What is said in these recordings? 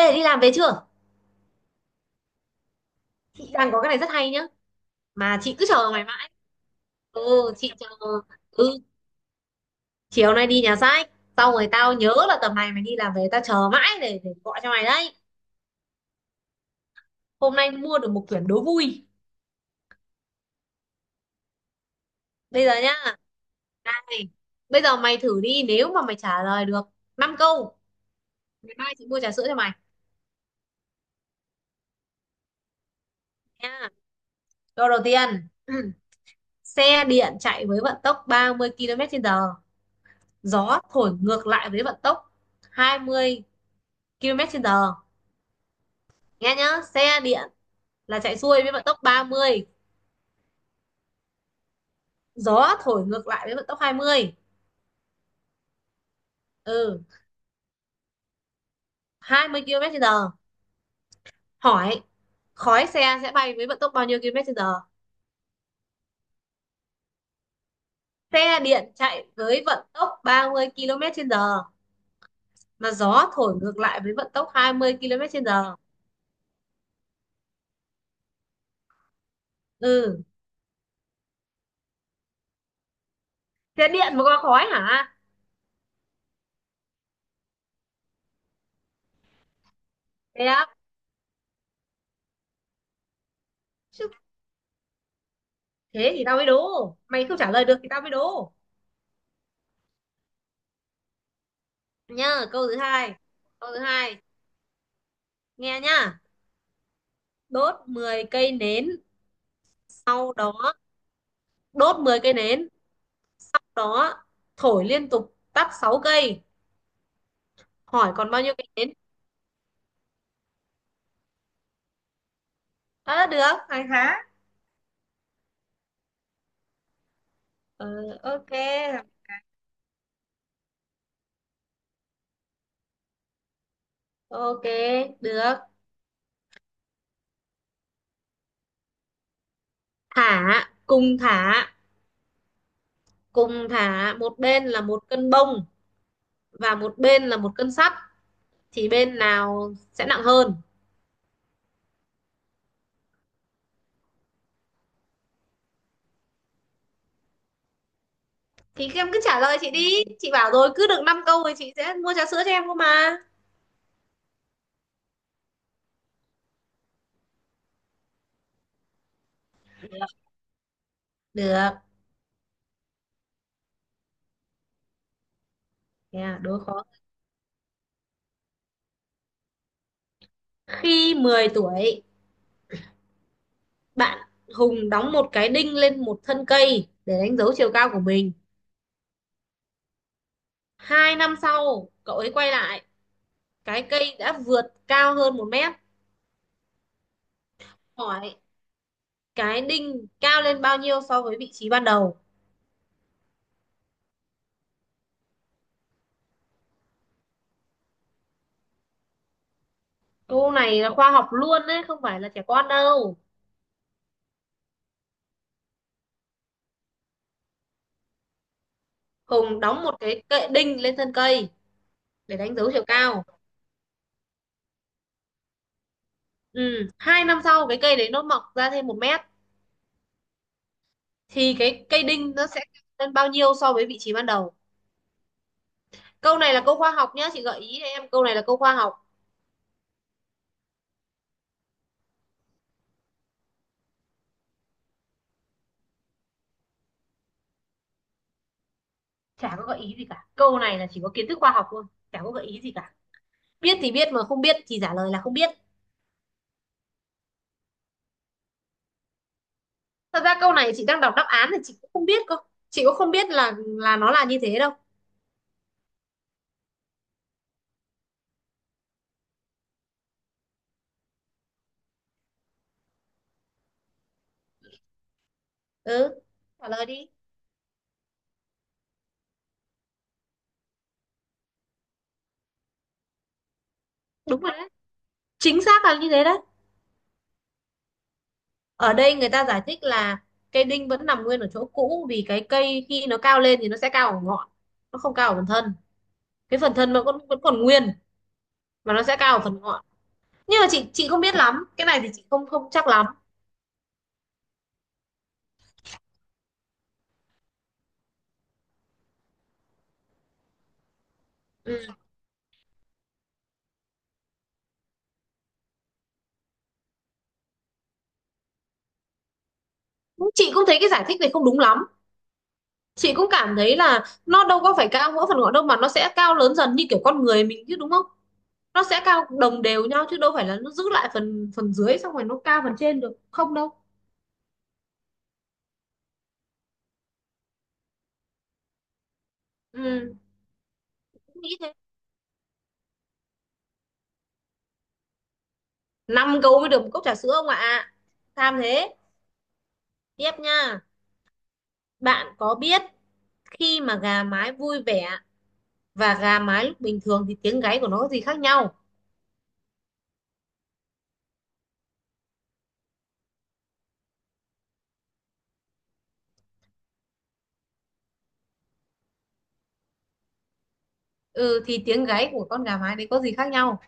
Ê, đi làm về chưa? Chị đang có cái này rất hay nhá. Mà chị cứ chờ mày mãi. Ừ, chị chờ. Ừ, chiều nay đi nhà sách. Xong rồi tao nhớ là tầm này mày đi làm về tao chờ mãi để gọi cho mày đấy. Hôm nay mua được một quyển đố vui. Bây giờ nhá. Này. Bây giờ mày thử đi, nếu mà mày trả lời được năm câu, ngày mai chị mua trà sữa cho mày. Nha. Câu đầu tiên. Xe điện chạy với vận tốc 30 km trên giờ. Gió thổi ngược lại với vận tốc 20 km trên giờ. Nghe nhá. Xe điện là chạy xuôi với vận tốc ba mươi, gió thổi ngược lại với vận tốc 20, ừ, 20 km trên giờ, hỏi khói xe sẽ bay với vận tốc bao nhiêu km trên giờ. Xe điện chạy với vận tốc 30 km trên giờ mà gió thổi ngược lại với vận tốc 20 km trên giờ. Ừ, xe điện mà có khói hả? Đẹp. Chứ, thế thì tao mới đố, mày không trả lời được thì tao mới đố nhá. Câu thứ hai. Câu thứ hai, nghe nhá. Đốt 10 cây nến, sau đó đốt 10 cây nến, sau đó thổi liên tục tắp 6 cây, hỏi còn bao nhiêu cây đến. À, được hàng há. Ừ, ok. Ok, được. Thả, cùng thả, cùng thả một bên là một cân bông và một bên là một cân sắt, thì bên nào sẽ nặng hơn? Thì em cứ trả lời chị đi, chị bảo rồi cứ được 5 câu thì chị sẽ mua trà sữa cho em cơ mà. Được. Yeah, đố khó. Khi 10 tuổi, bạn Hùng đóng một cái đinh lên một thân cây để đánh dấu chiều cao của mình. Hai năm sau, cậu ấy quay lại, cái cây đã vượt cao hơn một mét. Hỏi cái đinh cao lên bao nhiêu so với vị trí ban đầu? Câu này là khoa học luôn đấy, không phải là trẻ con đâu. Hùng đóng một cái cây đinh lên thân cây để đánh dấu chiều cao. Ừ, hai năm sau cái cây đấy nó mọc ra thêm một mét, thì cái cây đinh nó sẽ cao lên bao nhiêu so với vị trí ban đầu? Câu này là câu khoa học nhá, chị gợi ý cho em câu này là câu khoa học. Chả có gợi ý gì cả, câu này là chỉ có kiến thức khoa học thôi, chả có gợi ý gì cả. Biết thì biết, mà không biết thì trả lời là không biết. Thật ra câu này chị đang đọc đáp án thì chị cũng không biết cơ, chị cũng không biết là nó là như thế đâu. Ừ, trả lời đi. Đúng rồi đấy, chính xác là như thế đấy. Ở đây người ta giải thích là cây đinh vẫn nằm nguyên ở chỗ cũ, vì cái cây khi nó cao lên thì nó sẽ cao ở ngọn, nó không cao ở phần thân, cái phần thân nó vẫn vẫn còn nguyên, mà nó sẽ cao ở phần ngọn. Nhưng mà chị không biết lắm, cái này thì chị không không chắc lắm. Ừ. Chị cũng thấy cái giải thích này không đúng lắm, chị cũng cảm thấy là nó đâu có phải cao mỗi phần ngọn đâu, mà nó sẽ cao lớn dần như kiểu con người mình chứ, đúng không? Nó sẽ cao đồng đều nhau chứ đâu phải là nó giữ lại phần phần dưới xong rồi nó cao phần trên được không đâu. Ừ, cũng nghĩ thế. Năm câu mới được một cốc trà sữa ông ạ, tham thế. Tiếp nha. Bạn có biết khi mà gà mái vui vẻ và gà mái lúc bình thường thì tiếng gáy của nó có gì khác nhau? Ừ, thì tiếng gáy của con gà mái đấy có gì khác nhau?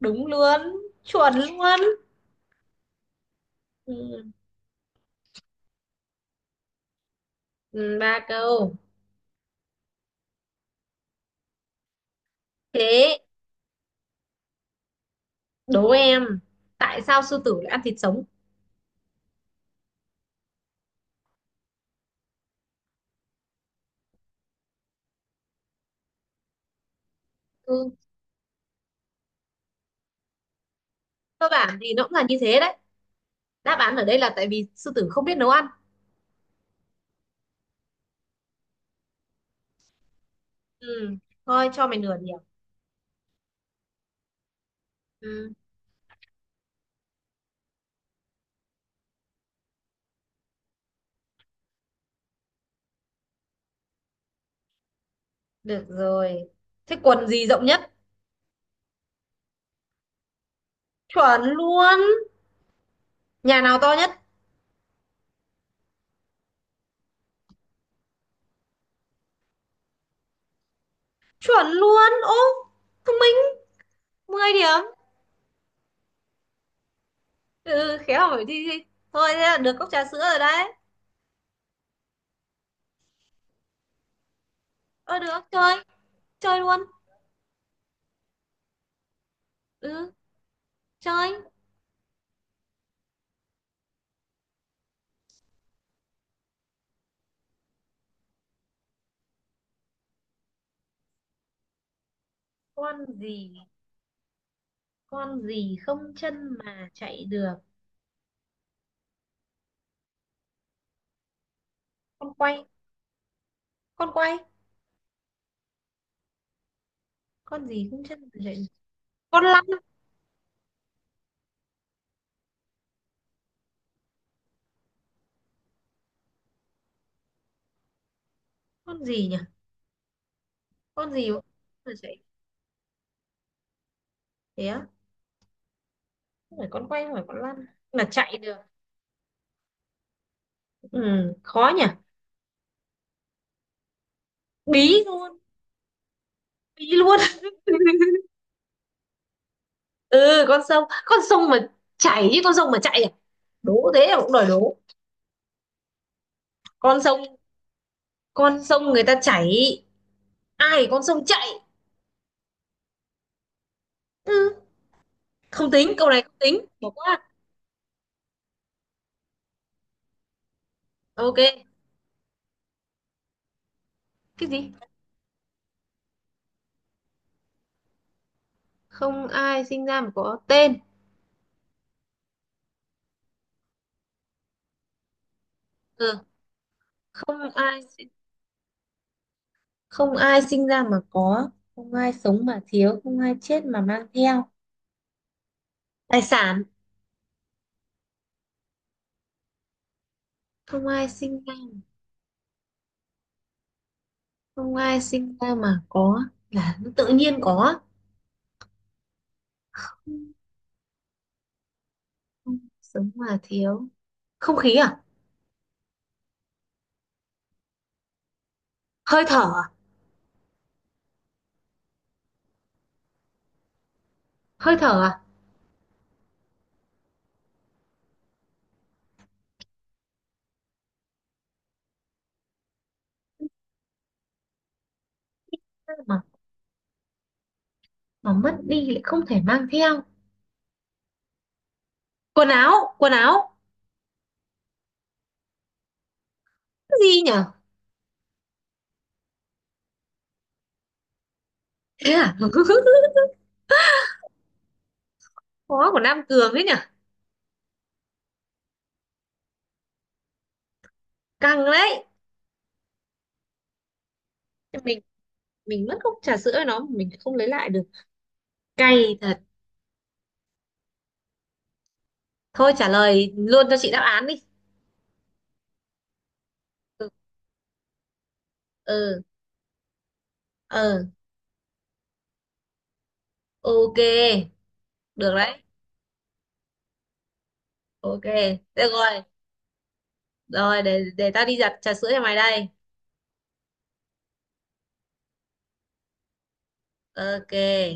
Đúng luôn. Chuẩn luôn. Ừ. Ừ, ba câu. Thế, đố em, tại sao sư tử lại ăn thịt sống? Ừ, cơ bản thì nó cũng là như thế đấy. Đáp án ở đây là tại vì sư tử không biết nấu ăn. Ừ, thôi cho mày nửa điểm. Ừ, được rồi. Thế quần gì rộng nhất? Chuẩn luôn. Nhà nào to nhất? Chuẩn luôn. Ô, thông minh, 10 điểm. Ừ, khéo hỏi thi. Thi. Thôi thế là được cốc trà sữa rồi đấy. Ờ được, chơi, chơi luôn. Ừ, chơi. Con gì, con gì không chân mà chạy được? Con quay, con quay. Con gì cũng chân mà chạy, con lăn. Con gì nhỉ? Con gì cũng chân mà chạy? Thế á? Không phải con quay, không phải con lăn, là chạy được. Ừ, khó nhỉ. Bí luôn. Bí luôn. Ừ, con sông, con sông mà chảy chứ, con sông mà chạy à? Đố thế là cũng đòi đố. Con sông, con sông người ta chảy, ai con sông chạy. Ừ, không tính câu này, không tính, bỏ qua. Ok. Cái gì không ai sinh ra mà có tên? Ừ, không ai, không ai sinh ra mà có, không ai sống mà thiếu, không ai chết mà mang theo. Tài sản. Không ai sinh ra, không ai sinh ra mà có là nó tự nhiên có. Không, không sống mà thiếu, không khí à? Hơi thở à? Hơi thở à? mà mà mất đi lại không thể mang theo. Quần áo, quần áo. Cái gì nhở? Thế à? Khó của Nam Cường đấy nhở. Căng đấy. mình mình mất cốc trà sữa với nó mà mình không lấy lại được. Cay thật. Thôi trả lời luôn cho chị đáp án đi. Ừ. Ừ. Ok, được đấy. Ok, được rồi. Rồi để tao đi giặt trà sữa cho mày đây. Ok.